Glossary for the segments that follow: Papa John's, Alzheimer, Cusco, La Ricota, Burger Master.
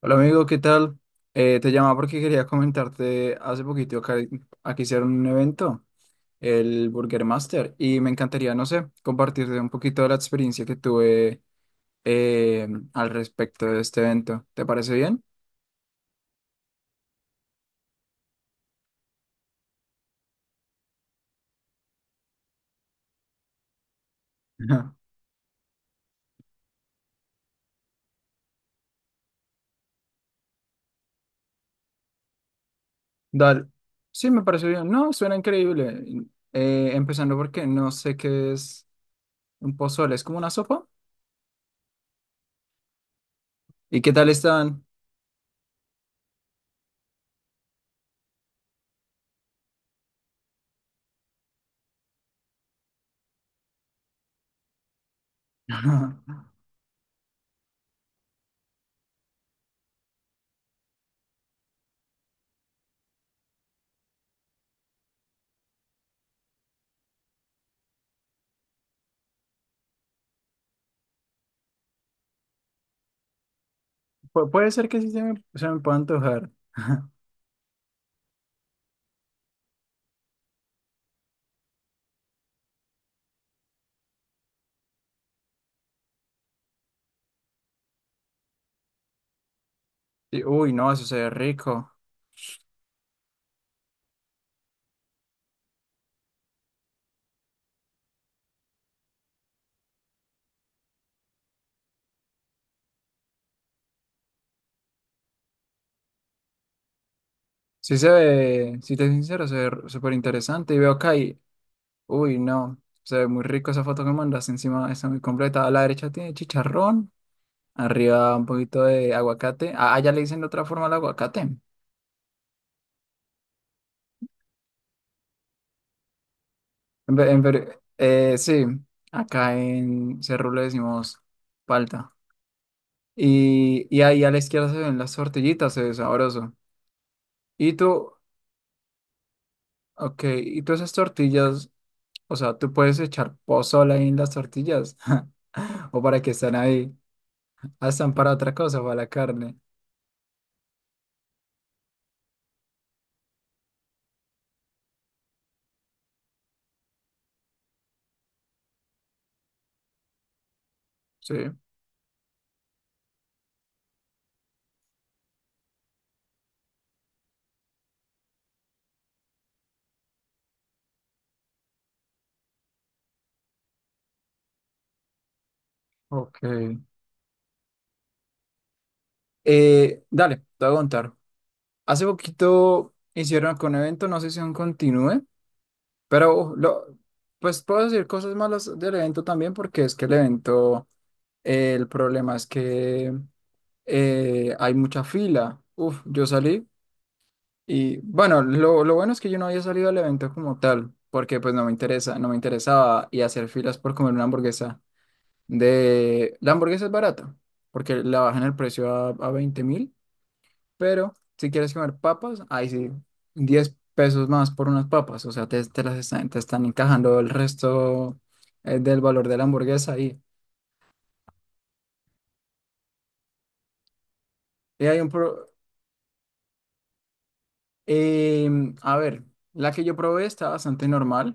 Hola amigo, ¿qué tal? Te llamaba porque quería comentarte hace poquito que aquí hicieron un evento, el Burger Master, y me encantaría, no sé, compartirte un poquito de la experiencia que tuve eh, al respecto de este evento. ¿Te parece bien? Ajá. Dale. Sí, me parece bien. No, suena increíble. Empezando porque no sé qué es un pozole, es como una sopa. ¿Y qué tal están? Puede ser que sí se me pueda antojar. Y, uy, no, eso se ve rico. Sí se ve, si te soy sincero, se ve súper interesante. Y veo acá y, uy, no, se ve muy rico esa foto que mandas. Encima está muy completa. A la derecha tiene chicharrón, arriba un poquito de aguacate. Ah, allá le dicen de otra forma al aguacate. En ve- en ver- Sí, acá en Cerro le decimos palta. Y ahí a la izquierda se ven las tortillitas, se ve sabroso. Y tú, ok, y tú esas tortillas, o sea, tú puedes echar pozole ahí en las tortillas. ¿O para que están ahí? Ah, están para otra cosa, para la carne. Sí, ok. Dale, te voy a contar. Hace poquito hicieron con un evento, no sé si aún continúe, pero pues puedo decir cosas malas del evento también, porque es que el evento, el problema es que hay mucha fila. Uf, yo salí y bueno, lo bueno es que yo no había salido al evento como tal, porque pues no me interesa, no me interesaba y hacer filas por comer una hamburguesa. De la hamburguesa es barata, porque la bajan el precio a 20,000, pero si quieres comer papas, ahí sí, 10 pesos más por unas papas, o sea, te las están, te están encajando el resto del valor de la hamburguesa ahí. Y hay un a ver, la que yo probé está bastante normal,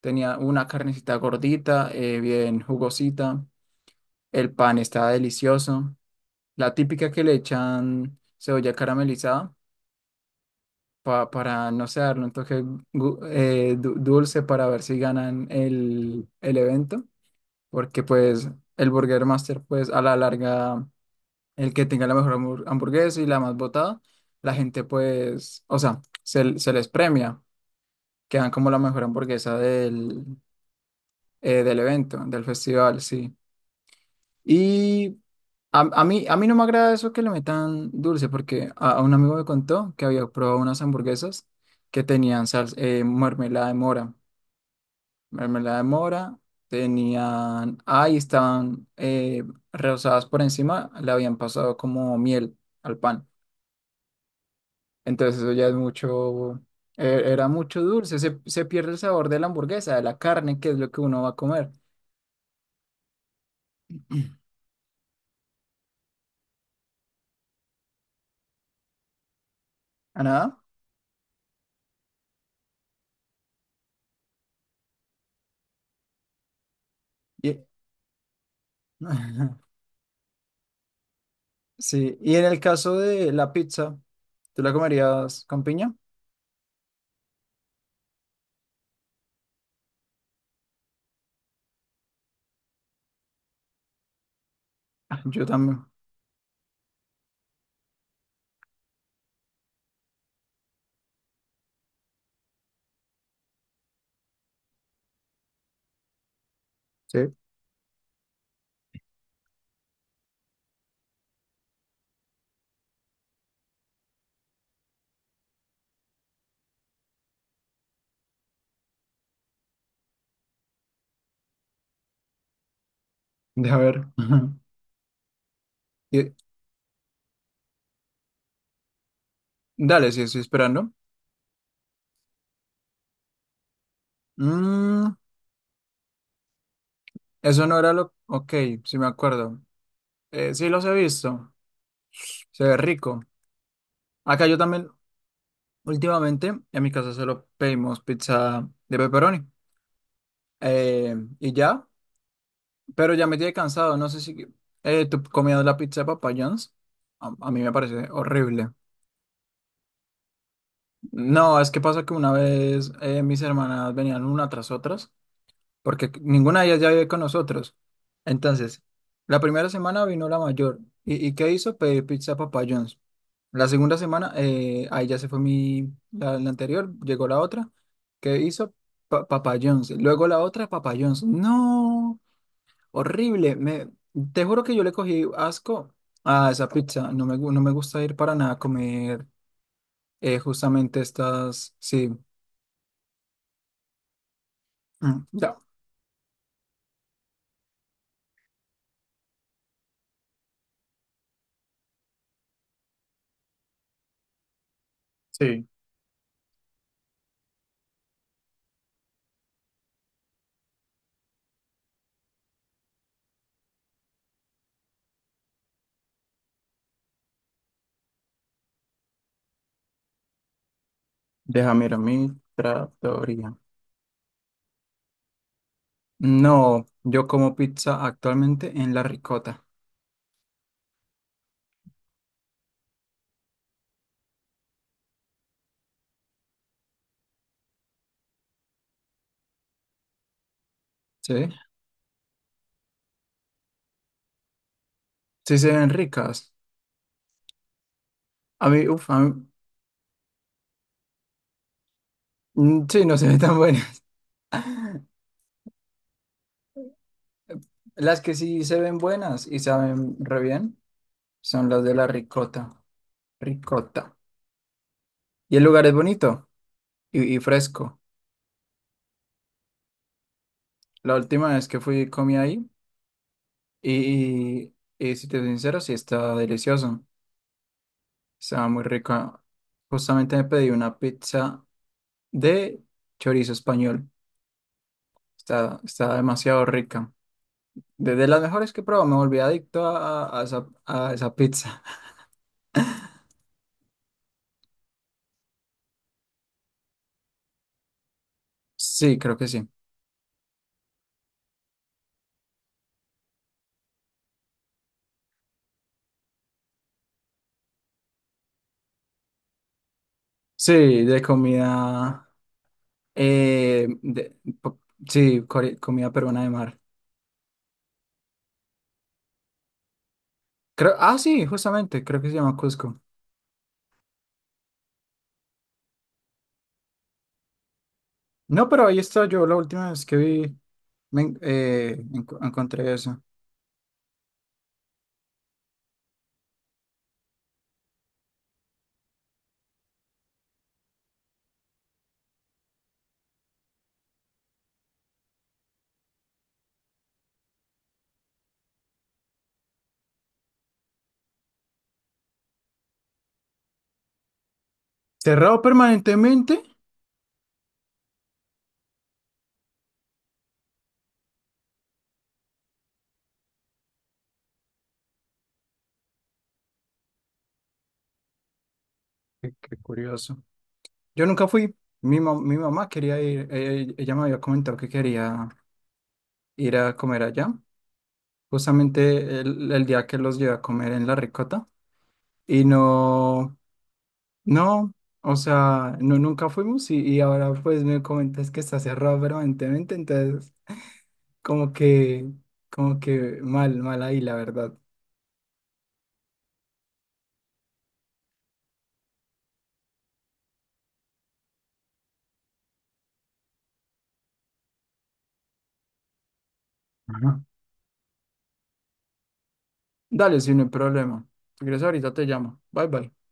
tenía una carnecita gordita, bien jugosita, el pan está delicioso, la típica que le echan cebolla caramelizada. Para, no sé, darle un toque dulce para ver si ganan el evento, porque pues el Burger Master, pues a la larga, el que tenga la mejor hamburguesa y la más votada, la gente pues, o sea, se les premia, quedan como la mejor hamburguesa del, del evento, del festival, sí. Y a mí no me agrada eso que le metan dulce, porque a un amigo me contó que había probado unas hamburguesas que tenían salsa, mermelada de mora. Mermelada de mora, tenían, ahí estaban rebozadas por encima, le habían pasado como miel al pan. Entonces eso ya es mucho, era mucho dulce, se pierde el sabor de la hamburguesa, de la carne, que es lo que uno va a comer. ¿A nada? Y- Sí, y en el caso de la pizza. ¿Tú la comerías con piña? Ah, yo también. Sí, de a ver. Y- dale, sí, estoy esperando. Mm, eso no era lo. Ok, sí me acuerdo. Sí los he visto. Se ve rico. Acá yo también, últimamente, en mi casa solo pedimos pizza de pepperoni. Eh, y ya, pero ya me tiene cansado. No sé si tú comías la pizza de Papa John's. A mí me parece horrible. No, es que pasa que una vez mis hermanas venían una tras otras, porque ninguna de ellas ya vive con nosotros. Entonces, la primera semana vino la mayor. ¿Y qué hizo? Pedir pizza a Papa John's. La segunda semana, ahí ya se fue la anterior, llegó la otra. ¿Qué hizo? Papa John's. Luego la otra, Papa John's. No, horrible. Te juro que yo le cogí asco a esa pizza. No me gusta ir para nada a comer justamente estas, sí. Mm, ya. Sí, deja, mira, Mi Trattoria. No, yo como pizza actualmente en La Ricota, ¿sí? Sí se ven ricas. A mí, sí, no se ven tan buenas. Las que sí se ven buenas y saben re bien son las de La Ricota, ricota. Y el lugar es bonito y fresco. La última vez que fui comí ahí y, y, y si te soy sincero, sí está delicioso. Estaba muy rica. Justamente me pedí una pizza de chorizo español. Está demasiado rica. Desde las mejores que he probado, me volví adicto a esa pizza. Sí, creo que sí. Sí, de comida. eh, de- po- sí, comida peruana de mar. Creo, ah, sí, justamente, creo que se llama Cusco. No, pero ahí está yo la última vez que vi, encontré eso. ¿Cerrado permanentemente? Qué curioso. Yo nunca fui. Mi mamá quería ir, ella me había comentado que quería ir a comer allá. Justamente el día que los llevé a comer en La Ricota y no, no, o sea, no, nunca fuimos y ahora pues me comentas que está cerrado permanentemente, entonces como que, como que mal, mal ahí, la verdad. Ajá. Dale, sin no hay problema. Si quieres ahorita te llamo. Bye bye.